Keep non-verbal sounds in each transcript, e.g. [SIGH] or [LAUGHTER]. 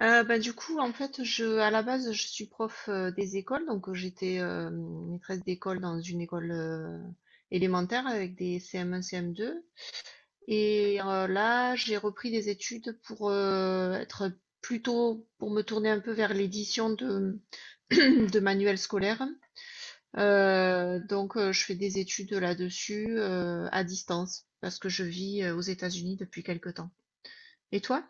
À la base, je suis prof des écoles, j'étais maîtresse d'école dans une école élémentaire avec des CM1, CM2. Et là, j'ai repris des études pour être pour me tourner un peu vers l'édition de [CLEARS THROAT] de manuels scolaires. Je fais des études là-dessus à distance parce que je vis aux États-Unis depuis quelque temps. Et toi?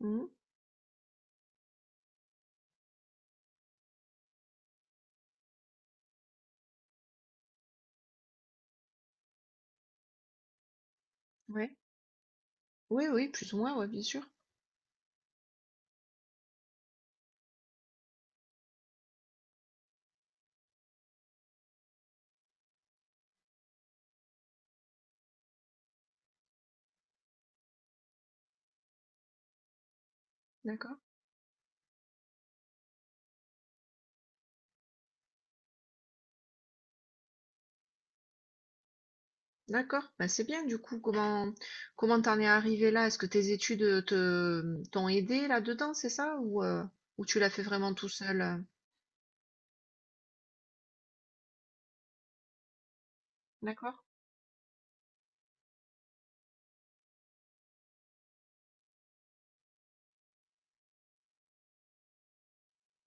Mhm. Ouais. Oui, oui, plus ou moins, ouais, bien sûr. D'accord. D'accord, bah, c'est bien du coup. Comment t'en es arrivé là? Est-ce que tes études te t'ont aidé là-dedans, c'est ça? Ou tu l'as fait vraiment tout seul? D'accord.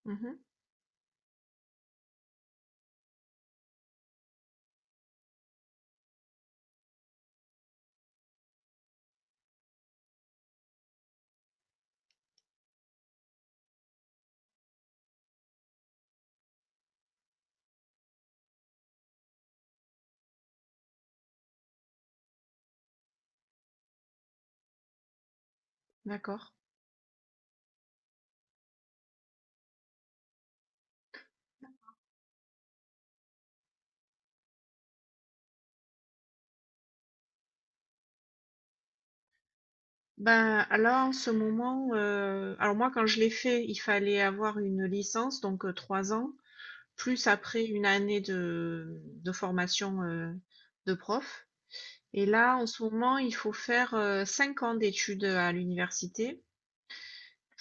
Mhm, d'accord. Ben là, en ce moment, alors moi quand je l'ai fait, il fallait avoir une licence, trois ans, plus après une année de formation de prof. Et là, en ce moment, il faut faire cinq ans d'études à l'université.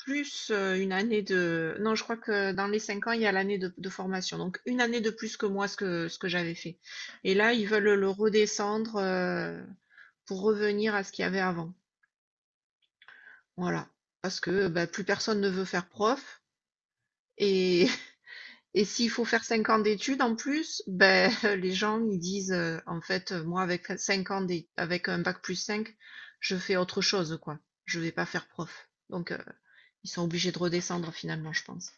Plus, une année de non, je crois que dans les 5 ans, il y a l'année de formation, donc une année de plus que moi, ce que j'avais fait et là, ils veulent le redescendre, pour revenir à ce qu'il y avait avant. Voilà, parce que, bah, plus personne ne veut faire prof et [LAUGHS] et s'il faut faire 5 ans d'études en plus, ben, [LAUGHS] les gens, ils disent, «En fait, moi, avec 5 ans d'é avec un bac plus cinq je fais autre chose, quoi. Je vais pas faire prof», ils sont obligés de redescendre finalement, je pense.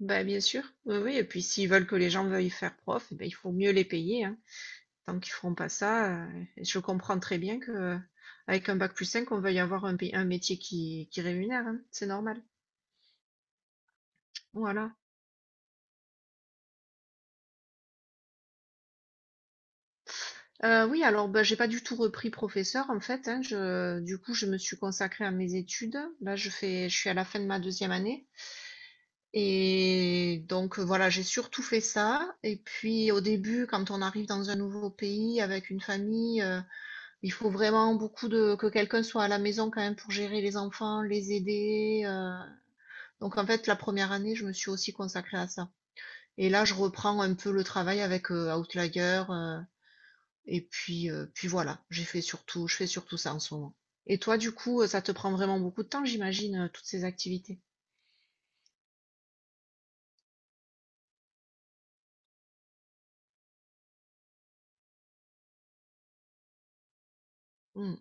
Bah, bien sûr, oui, oui, et puis s'ils veulent que les gens veuillent faire prof, eh ben, il faut mieux les payer, hein. Tant qu'ils feront pas ça, je comprends très bien que avec un bac plus 5 on veuille avoir un métier qui rémunère, hein. C'est normal. Voilà. Oui, alors bah, j'ai pas du tout repris professeur en fait. Hein. Du coup, je me suis consacrée à mes études. Là, je suis à la fin de ma deuxième année. Et donc voilà, j'ai surtout fait ça. Et puis au début, quand on arrive dans un nouveau pays avec une famille, il faut vraiment beaucoup de que quelqu'un soit à la maison quand même pour gérer les enfants, les aider. Donc en fait, la première année, je me suis aussi consacrée à ça. Et là, je reprends un peu le travail avec Outlier. Et puis, puis Voilà, je fais surtout ça en ce moment. Et toi, du coup, ça te prend vraiment beaucoup de temps, j'imagine, toutes ces activités. Hmm,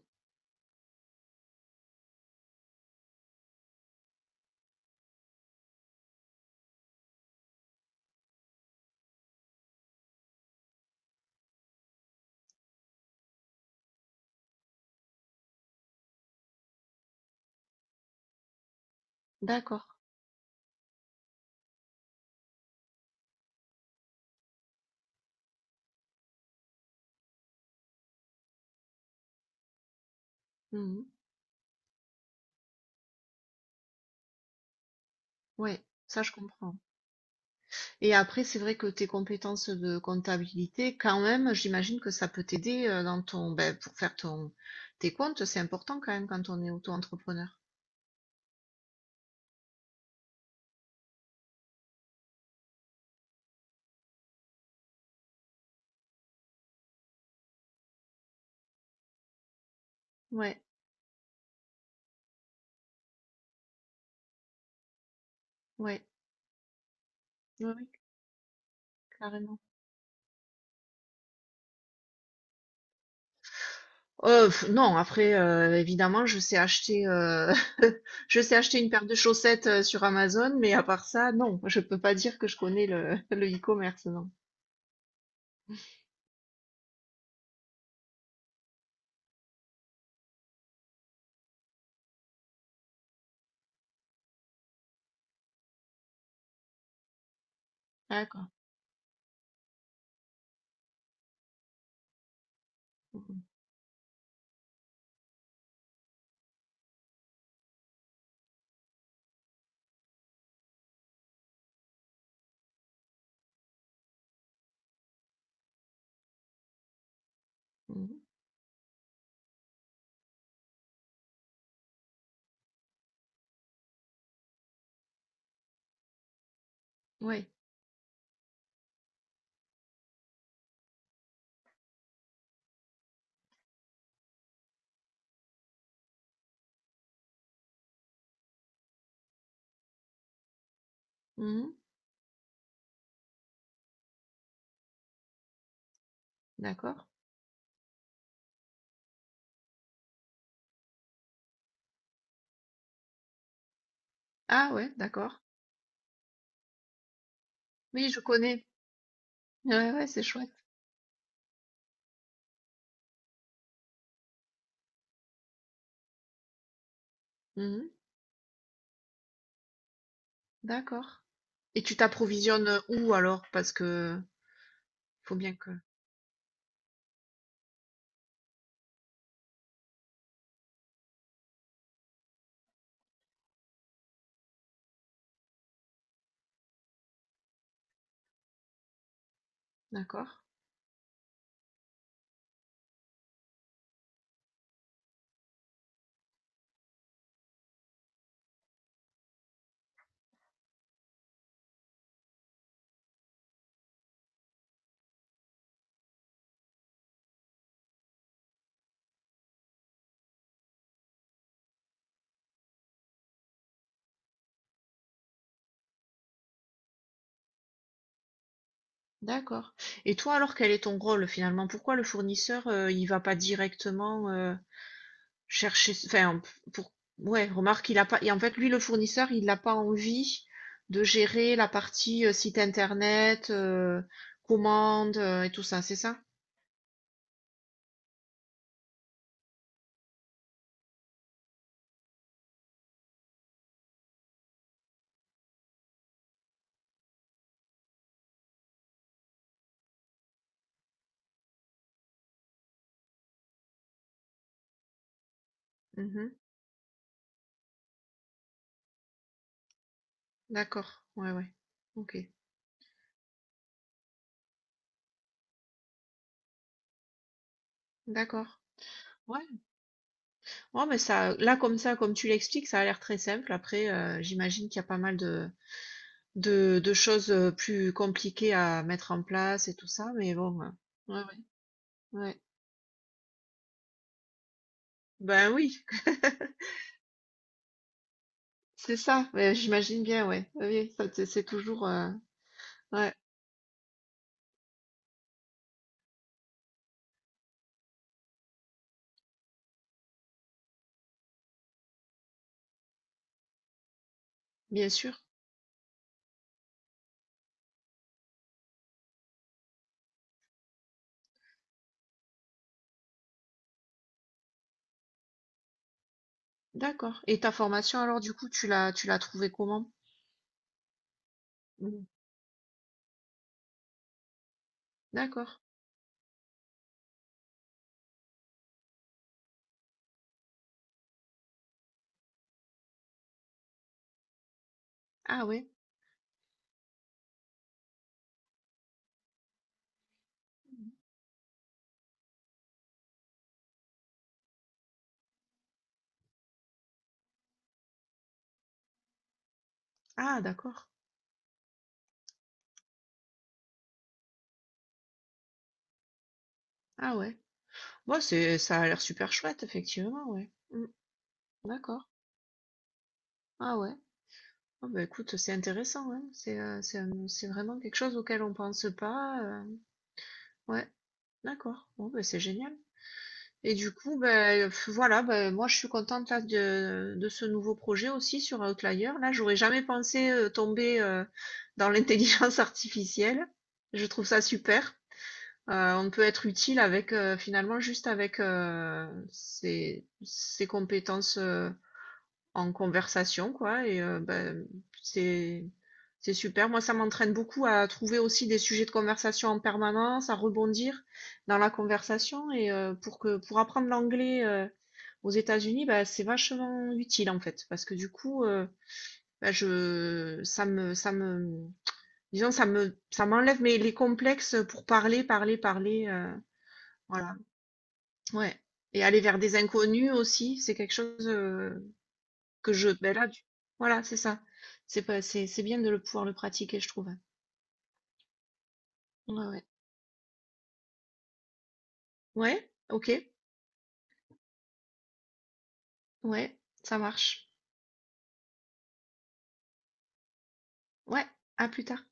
d'accord. Hmm, ouais, ça je comprends. Et après, c'est vrai que tes compétences de comptabilité, quand même, j'imagine que ça peut t'aider dans ton, ben, pour faire tes comptes, c'est important quand même quand on est auto-entrepreneur. Ouais, ouais, ouais, oui, carrément. Non, après, évidemment, je sais acheter, [LAUGHS] je sais acheter une paire de chaussettes sur Amazon, mais à part ça, non, je peux pas dire que je connais [LAUGHS] le e-commerce, non. D'accord. Mhm. Mhm. Ouais. Mhm. D'accord. Ah ouais, d'accord. Oui, je connais. Ouais, ouais, c'est chouette. Mhm. D'accord. Et tu t'approvisionnes où alors? Parce que faut bien que. D'accord, d'accord. Et toi alors, quel est ton rôle finalement? Pourquoi le fournisseur il va pas directement pour, ouais, remarque il a pas. Et en fait, lui le fournisseur il n'a pas envie de gérer la partie site internet, commande et tout ça, c'est ça? Mmh d'accord. Ouais, ouais. OK. D'accord. Ouais. Ouais, mais ça là, comme ça, comme tu l'expliques, ça a l'air très simple. Après, j'imagine qu'il y a pas mal de choses, plus compliquées à mettre en place et tout ça, mais bon, ouais, ouais. Ouais. Ben oui. [LAUGHS] C'est ça, ouais, j'imagine bien, ouais. Oui, oui, ça, c'est toujours, ouais, bien sûr. D'accord. Et ta formation, alors, du coup, tu l'as trouvée comment? Mm. D'accord. Ah ouais. Ah d'accord. Ah ouais. Moi, ça a l'air super chouette, effectivement, ouais. Mm. D'accord. Ah ouais. Ah bah écoute, c'est intéressant, hein. C'est vraiment quelque chose auquel on pense pas. Ouais. D'accord. Bon, bah, c'est génial. Et du coup, ben f voilà, ben moi je suis contente là de ce nouveau projet aussi sur Outlier là. J'aurais jamais pensé, tomber, dans l'intelligence [LAUGHS] artificielle. Je trouve ça super. On peut être utile avec, finalement juste avec, ses compétences, en conversation, quoi. Et ben, c'est c'est super. Moi, ça m'entraîne beaucoup à trouver aussi des sujets de conversation en permanence, à rebondir dans la conversation. Et pour que pour apprendre l'anglais aux États-Unis, ben, c'est vachement utile en fait, parce que du coup, ben, je ça me disons ça me ça m'enlève mes les complexes pour parler, parler, parler. Voilà. Ouais. Et aller vers des inconnus aussi, c'est quelque chose. Que je ben là du voilà, c'est ça. C'est pas c'est c'est bien de le pouvoir le pratiquer, je trouve. Ouais, ouais. Ouais, OK. Ouais, ça marche. Ouais, à plus tard.